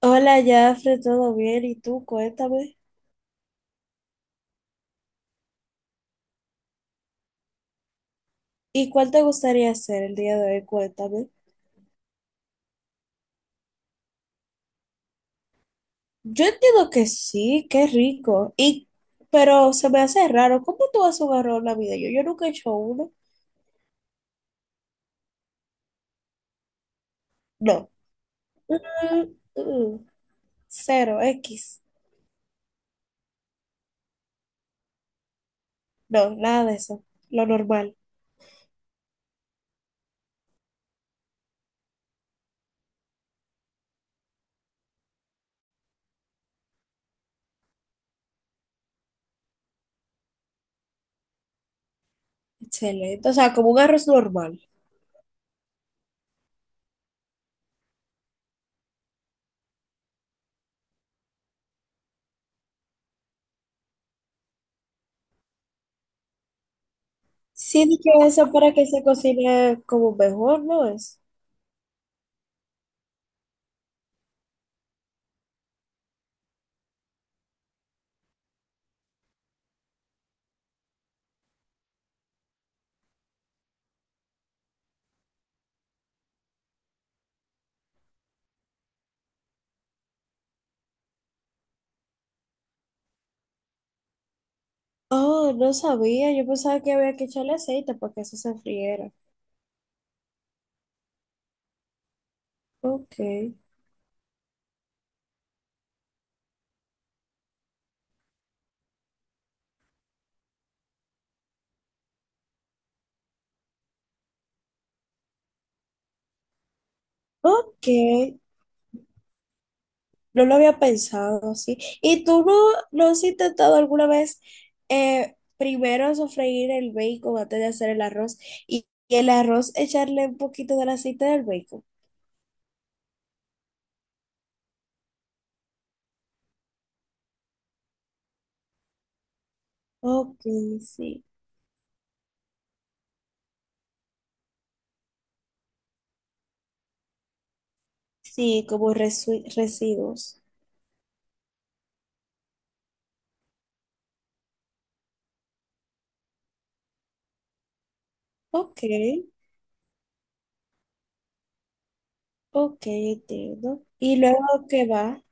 Hola, Jafre, ¿todo bien? ¿Y tú? Cuéntame. ¿Y cuál te gustaría hacer el día de hoy? Cuéntame. Yo entiendo que sí, qué rico. Y, pero se me hace raro. ¿Cómo tú has un arroz en la vida? Yo nunca he hecho uno. No. Mm, mm, mm. Cero, X. No, nada de eso. Lo normal. Excelente. O sea, como un arroz normal. Sí, di que eso para que se cocine como mejor, ¿no es? Oh, no sabía. Yo pensaba que había que echarle aceite para que eso se friera. Ok. Ok, no lo había pensado así. ¿Y tú no has intentado alguna vez primero sofreír el bacon antes de hacer el arroz y el arroz echarle un poquito del aceite del bacon? Ok, sí, sí, como residuos. Ok, ok, entiendo. ¿Y luego qué va?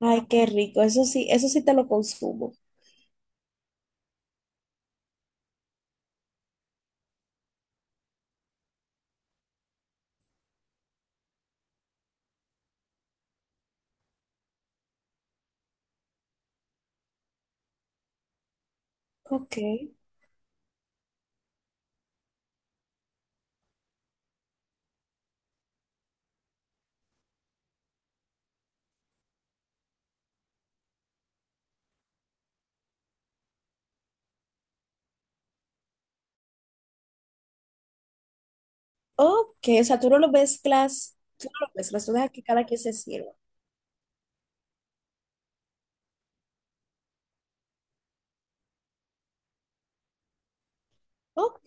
Ay, qué rico, eso sí te lo consumo. Ok, ok, o sea, tú no lo mezclas, tú no lo mezclas, tú dejas que cada quien se sirva. Ok.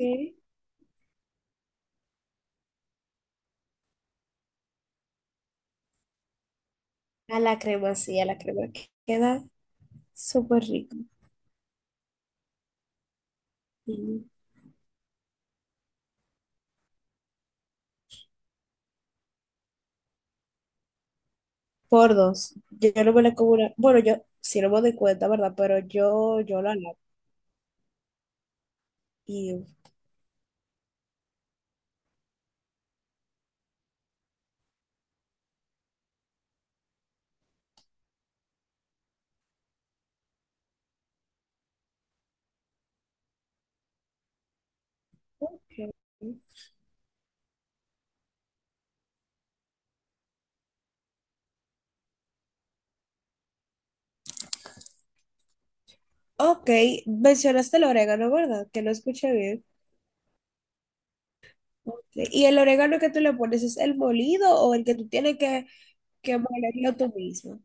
A la crema, sí, a la crema que queda súper rico. Y por dos. Yo no me la como una- Bueno, yo sí no me doy cuenta, ¿verdad? Pero yo la lavo. Y ok. Ok, mencionaste el orégano, ¿verdad? Que no escuché bien. Ok, ¿y el orégano que tú le pones es el molido o el que tú tienes que molerlo tú mismo?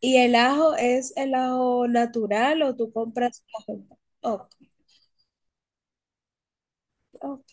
¿Y el ajo es el ajo natural o tú compras ajo? Oh, ok,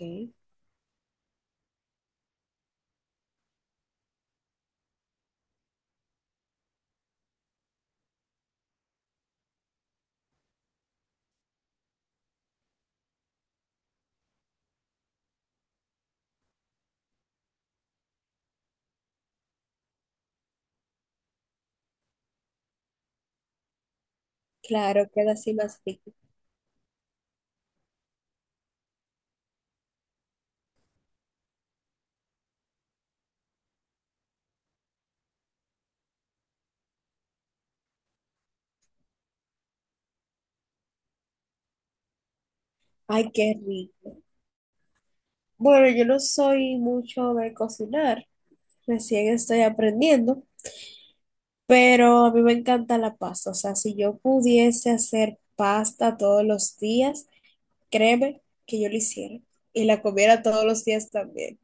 claro, queda así más rico. Ay, qué rico. Bueno, yo no soy mucho de cocinar, recién estoy aprendiendo, pero a mí me encanta la pasta. O sea, si yo pudiese hacer pasta todos los días, créeme que yo lo hiciera y la comiera todos los días también.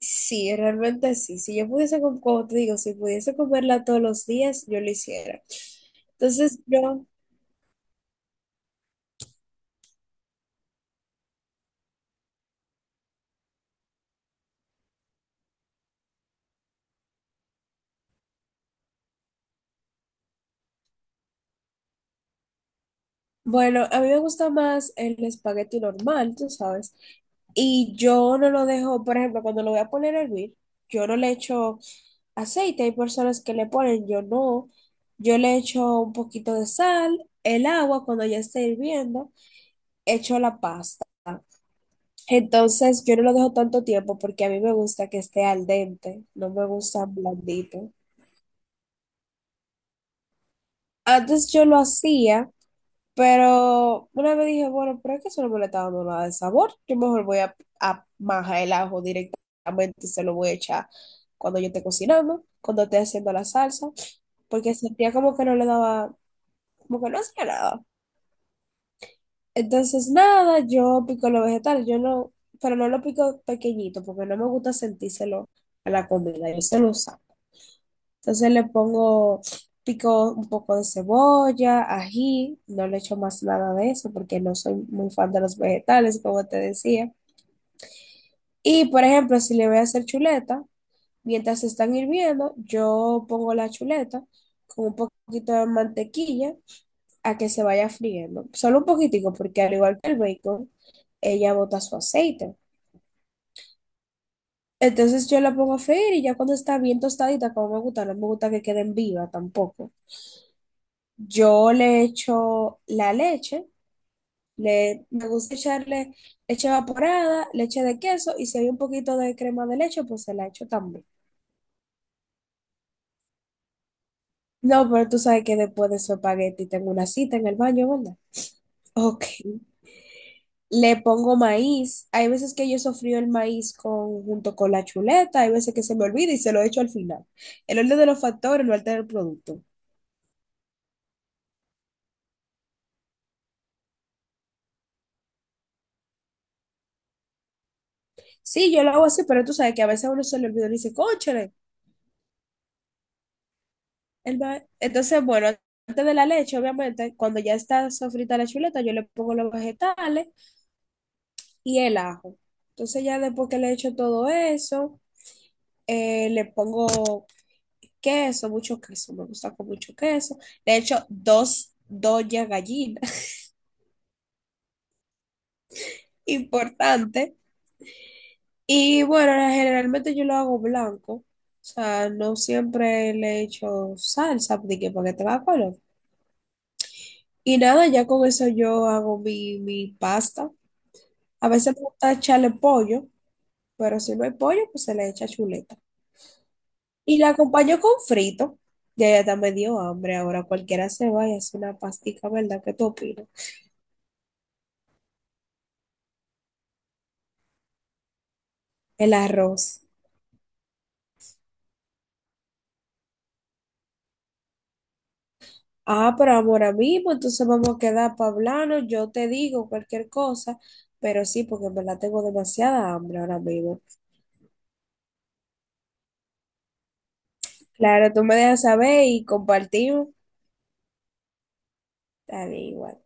Sí, realmente sí. Si yo pudiese, como te digo, si pudiese comerla todos los días, yo lo hiciera. Entonces, yo, bueno, a mí me gusta más el espagueti normal, tú sabes, y yo no lo dejo, por ejemplo, cuando lo voy a poner a hervir. Yo no le echo aceite. Hay personas que le ponen, yo no. Yo le echo un poquito de sal, el agua cuando ya esté hirviendo, echo la pasta. Entonces yo no lo dejo tanto tiempo porque a mí me gusta que esté al dente, no me gusta blandito. Antes yo lo hacía, pero una vez dije, bueno, pero es que eso no me le está dando nada de sabor. Yo mejor voy a majar el ajo directamente y se lo voy a echar cuando yo esté cocinando, cuando esté haciendo la salsa, porque sentía como que no le daba como que no hacía nada. Entonces, nada, yo pico los vegetales, yo no, pero no lo pico pequeñito porque no me gusta sentírselo a la comida, yo se lo saco. Entonces le pongo, pico un poco de cebolla, ají, no le echo más nada de eso porque no soy muy fan de los vegetales, como te decía. Y, por ejemplo, si le voy a hacer chuleta, mientras se están hirviendo, yo pongo la chuleta con un poquito de mantequilla a que se vaya friendo. Solo un poquitico, porque al igual que el bacon, ella bota su aceite. Entonces yo la pongo a freír y ya cuando está bien tostadita, como me gusta, no me gusta que queden viva tampoco. Yo le echo la leche, le, me gusta echarle leche evaporada, leche de queso y si hay un poquito de crema de leche, pues se la echo también. No, pero tú sabes que después de su espagueti tengo una cita en el baño, ¿verdad? Ok. Le pongo maíz. Hay veces que yo sofrío el maíz con, junto con la chuleta, hay veces que se me olvida y se lo echo al final. El orden de los factores no altera el producto. Sí, yo lo hago así, pero tú sabes que a veces a uno se le olvida y dice, cóchale. El ma-". Entonces, bueno, antes de la leche, obviamente, cuando ya está sofrita la chuleta, yo le pongo los vegetales y el ajo. Entonces, ya después que le echo todo eso, le pongo queso, mucho queso, me gusta con mucho queso. Le echo dos, dos ya gallinas importante. Y bueno, generalmente yo lo hago blanco. O sea, no siempre le echo salsa, de que para que tenga color. Y nada, ya con eso yo hago mi pasta. A veces me gusta echarle pollo, pero si no hay pollo, pues se le echa chuleta. Y la acompaño con frito. Ya, ya está medio hambre. Ahora cualquiera se va y hace una pastica, ¿verdad? ¿Qué tú opinas? El arroz. Ah, pero ahora mismo, entonces vamos a quedar para hablarnos. Yo te digo cualquier cosa, pero sí, porque en verdad tengo demasiada hambre ahora mismo. Claro, tú me dejas saber y compartimos. Dale igual.